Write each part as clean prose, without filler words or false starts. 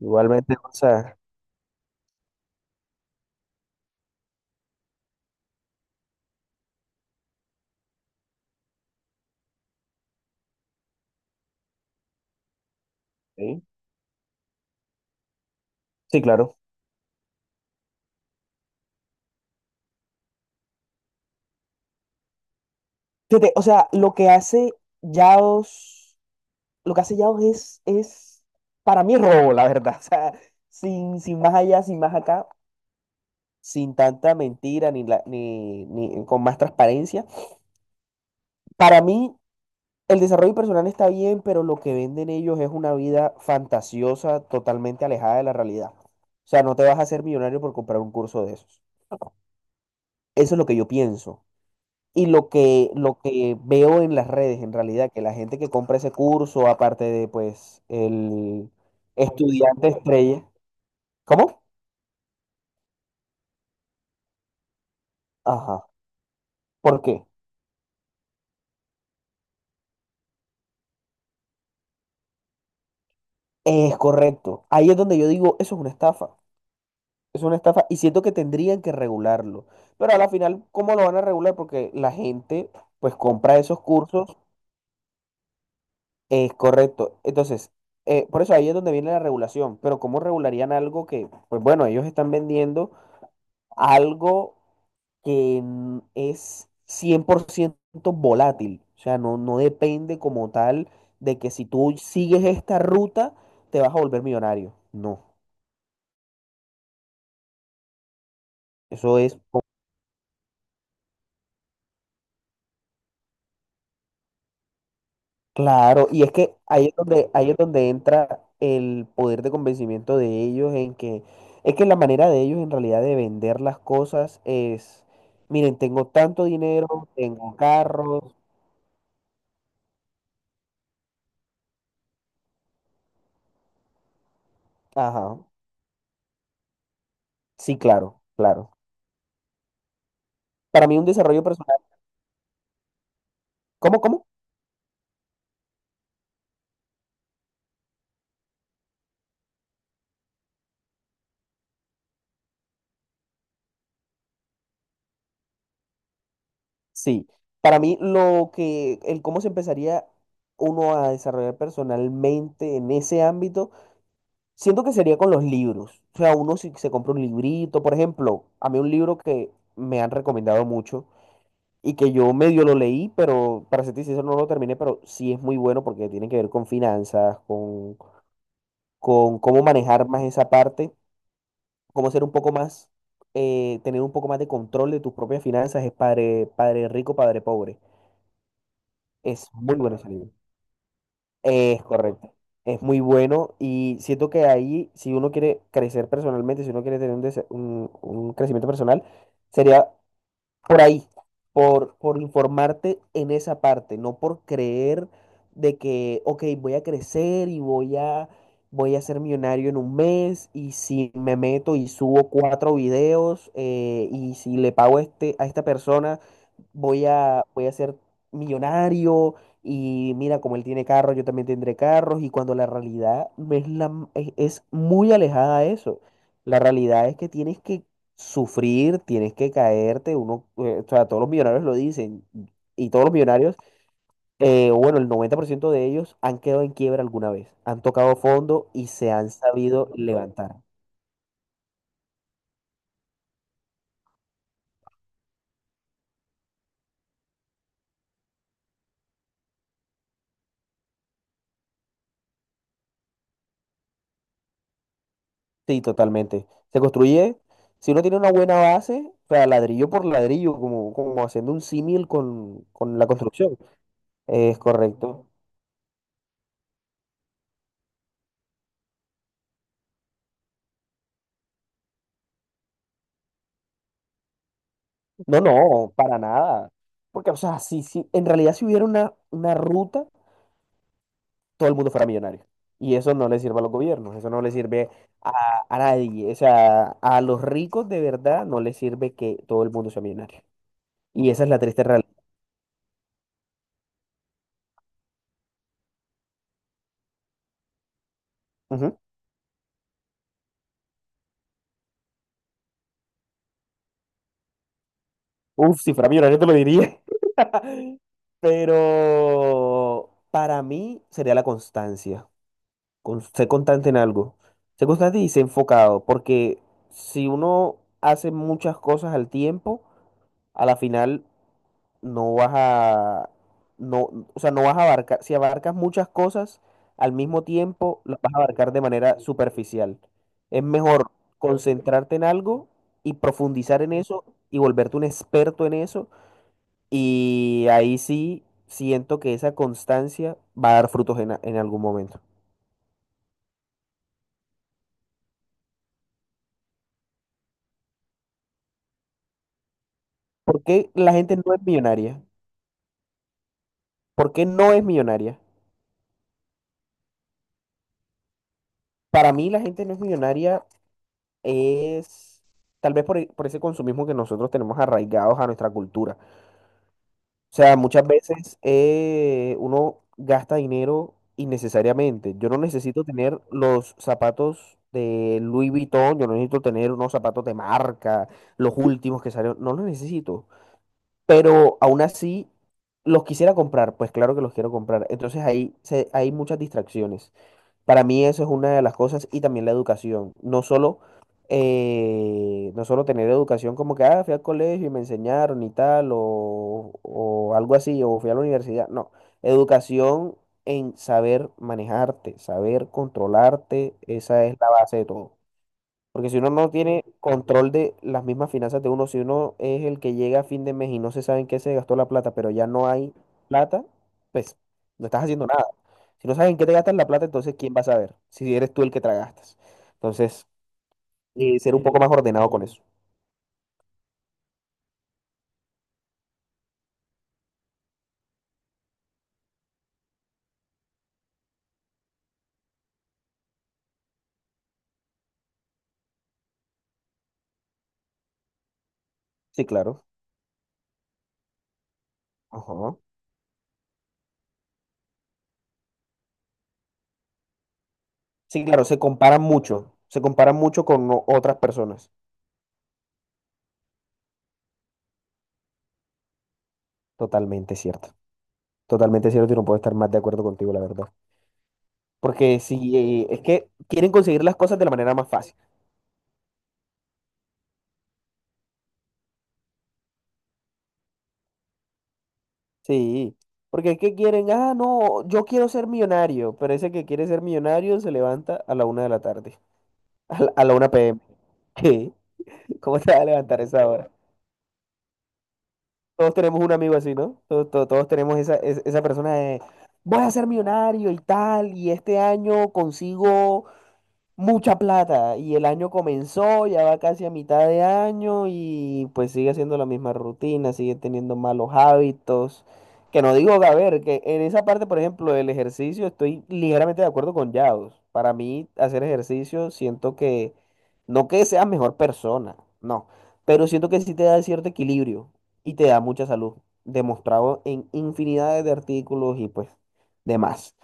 Igualmente, o sea, sí, sí, claro. Fíjate, o sea, Yaos, lo que hace Yaos es, para mí, robo, la verdad. O sea, sin más allá, sin más acá, sin tanta mentira, ni, la, ni, ni con más transparencia. Para mí, el desarrollo personal está bien, pero lo que venden ellos es una vida fantasiosa, totalmente alejada de la realidad. O sea, no te vas a hacer millonario por comprar un curso de esos. Eso es lo que yo pienso. Y lo que veo en las redes, en realidad, que la gente que compra ese curso, aparte de, pues, el estudiante estrella. ¿Cómo? Ajá. ¿Por qué? Es correcto. Ahí es donde yo digo, eso es una estafa. Es una estafa y siento que tendrían que regularlo. Pero, a la final, ¿cómo lo van a regular? Porque la gente, pues, compra esos cursos. Es correcto. Entonces, por eso ahí es donde viene la regulación. Pero ¿cómo regularían algo que, pues, bueno, ellos están vendiendo algo que es 100% volátil? O sea, no, no depende como tal de que si tú sigues esta ruta te vas a volver millonario. No, eso es. Claro, y es que ahí es donde entra el poder de convencimiento de ellos, en que es que la manera de ellos en realidad de vender las cosas es: miren, tengo tanto dinero, tengo carros. Ajá, sí, claro, claro. Para mí un desarrollo personal, ¿cómo, cómo? Sí, para mí el cómo se empezaría uno a desarrollar personalmente en ese ámbito, siento que sería con los libros. O sea, uno si se compra un librito, por ejemplo, a mí un libro que me han recomendado mucho y que yo medio lo leí, pero, para ser sincero, no lo terminé, pero sí es muy bueno porque tiene que ver con finanzas, con cómo manejar más esa parte, cómo ser un poco más, tener un poco más de control de tus propias finanzas, es Padre, Padre Rico, Padre Pobre. Es muy bueno ese libro. Es correcto. Es muy bueno y siento que ahí, si uno quiere crecer personalmente, si uno quiere tener un crecimiento personal, sería por ahí, por informarte en esa parte, no por creer de que, ok, voy a crecer y voy a, voy a ser millonario en un mes y si me meto y subo cuatro videos y si le pago a este, a esta persona, voy a ser millonario y mira, como él tiene carros, yo también tendré carros. Y cuando la realidad no es, es muy alejada a eso. La realidad es que tienes que sufrir, tienes que caerte, uno, o sea, todos los millonarios lo dicen, y todos los millonarios, bueno, el 90% de ellos han quedado en quiebra alguna vez, han tocado fondo y se han sabido levantar. Sí, totalmente. Se construye, si uno tiene una buena base, o sea, ladrillo por ladrillo, como, como haciendo un símil con, la construcción, es correcto. No, no, para nada. Porque, o sea, si en realidad, si hubiera una ruta, todo el mundo fuera millonario. Y eso no le sirve a los gobiernos, eso no le sirve a nadie. O sea, a los ricos de verdad no les sirve que todo el mundo sea millonario. Y esa es la triste realidad. Ujú. Uf, si fuera millonario te lo diría. Pero para mí sería la constancia. Con, ser constante en algo. Ser constante y ser enfocado. Porque si uno hace muchas cosas al tiempo, a la final no vas a, no, o sea, no vas a abarcar, si abarcas muchas cosas al mismo tiempo, las vas a abarcar de manera superficial. Es mejor concentrarte en algo y profundizar en eso y volverte un experto en eso. Y ahí sí siento que esa constancia va a dar frutos en, en algún momento. ¿Por qué la gente no es millonaria? ¿Por qué no es millonaria? Para mí la gente no es millonaria es tal vez por, por ese consumismo que nosotros tenemos arraigados a nuestra cultura. O sea, muchas veces uno gasta dinero innecesariamente. Yo no necesito tener los zapatos de Louis Vuitton, yo no necesito tener unos zapatos de marca, los últimos que salieron, no los necesito. Pero aún así, los quisiera comprar, pues claro que los quiero comprar. Entonces, ahí hay muchas distracciones. Para mí eso es una de las cosas, y también la educación. No solo, no solo tener educación como que, ah, fui al colegio y me enseñaron y tal, o algo así, o fui a la universidad. No, educación en saber manejarte, saber controlarte, esa es la base de todo. Porque si uno no tiene control de las mismas finanzas de uno, si uno es el que llega a fin de mes y no se sabe en qué se gastó la plata, pero ya no hay plata, pues no estás haciendo nada. Si no sabes en qué te gastas la plata, entonces ¿quién va a saber? Si eres tú el que te la gastas. Entonces, ser un poco más ordenado con eso. Sí, claro. Ajá. Sí, claro, se comparan mucho. Se comparan mucho con otras personas. Totalmente cierto. Totalmente cierto y no puedo estar más de acuerdo contigo, la verdad. Porque si es que quieren conseguir las cosas de la manera más fácil. Sí, porque ¿qué quieren? Ah, no, yo quiero ser millonario, pero ese que quiere ser millonario se levanta a la una de la tarde, a la 1 p. m. ¿Qué? ¿Cómo te vas a levantar a esa hora? Todos tenemos un amigo así, ¿no? Todos, todos, todos tenemos esa, esa persona de, voy a ser millonario y tal, y este año consigo mucha plata, y el año comenzó, ya va casi a mitad de año y pues sigue haciendo la misma rutina, sigue teniendo malos hábitos. Que no digo, a ver, que en esa parte, por ejemplo, del ejercicio estoy ligeramente de acuerdo con Yaos. Para mí, hacer ejercicio siento que, no que seas mejor persona, no, pero siento que sí te da cierto equilibrio y te da mucha salud, demostrado en infinidades de artículos, y pues demás,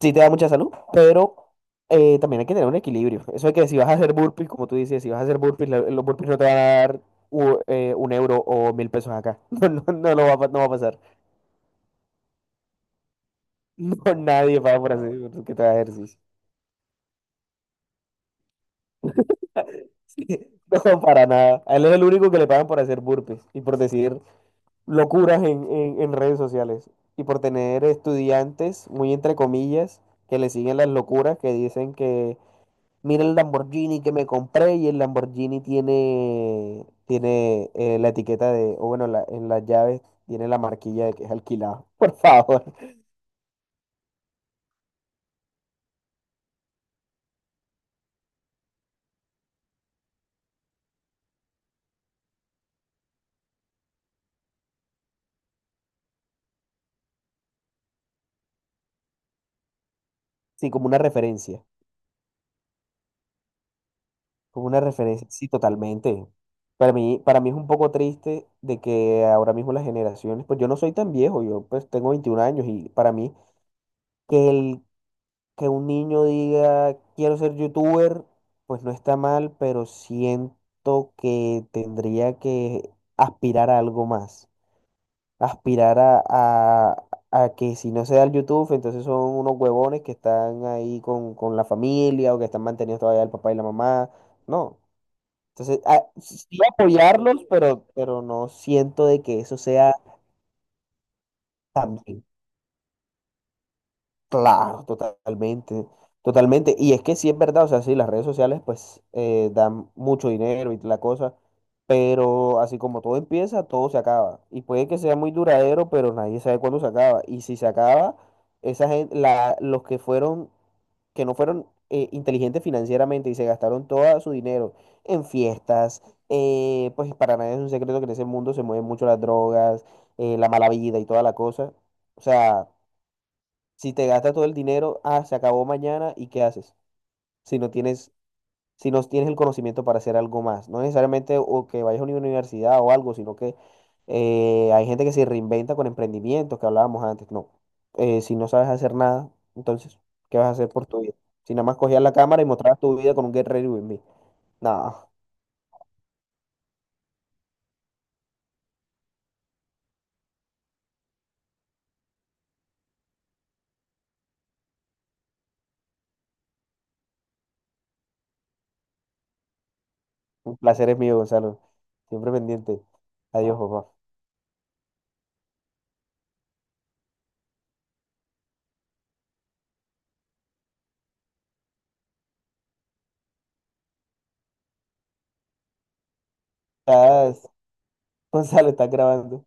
sí te da mucha salud, pero también hay que tener un equilibrio. Eso de que si vas a hacer burpees, como tú dices, si vas a hacer burpees, los burpees no te van a dar un euro o mil pesos acá. No, no no lo va, a pa- no va a pasar. No, nadie paga por hacer por que te haga ejercicio. No, para nada. A él es el único que le pagan por hacer burpees y por decir locuras en, en redes sociales, y por tener estudiantes, muy entre comillas, que le siguen las locuras que dicen que: mira el Lamborghini que me compré. Y el Lamborghini tiene, tiene la etiqueta de, o bueno, en las llaves tiene la marquilla de que es alquilado. Por favor. Sí, como una referencia. Como una referencia. Sí, totalmente. Para mí es un poco triste de que ahora mismo las generaciones, pues yo no soy tan viejo, yo pues tengo 21 años, y para mí que el que un niño diga quiero ser youtuber, pues no está mal, pero siento que tendría que aspirar a algo más. Aspirar a, a que si no se da el YouTube, entonces son unos huevones que están ahí con la familia o que están mantenidos todavía el papá y la mamá. No. Entonces, sí, sí apoyarlos, pero no siento de que eso sea también. Claro, totalmente, totalmente. Y es que sí es verdad, o sea, sí, las redes sociales pues dan mucho dinero y la cosa, pero así como todo empieza, todo se acaba. Y puede que sea muy duradero, pero nadie sabe cuándo se acaba. Y si se acaba, esa gente, la, los que fueron, que no fueron inteligentes financieramente y se gastaron todo su dinero en fiestas, pues para nadie es un secreto que en ese mundo se mueven mucho las drogas, la mala vida y toda la cosa. O sea... Si te gastas todo el dinero, ah, se acabó mañana, ¿y qué haces? Si no tienes, si no tienes el conocimiento para hacer algo más, no necesariamente o que vayas a una universidad o algo, sino que hay gente que se reinventa con emprendimientos que hablábamos antes. No. Si no sabes hacer nada, entonces, ¿qué vas a hacer por tu vida? Si nada más cogías la cámara y mostrabas tu vida con un Get Ready With Me. No, un placer es mío, Gonzalo. Siempre pendiente. Adiós, papá. Estás... Gonzalo, estás grabando.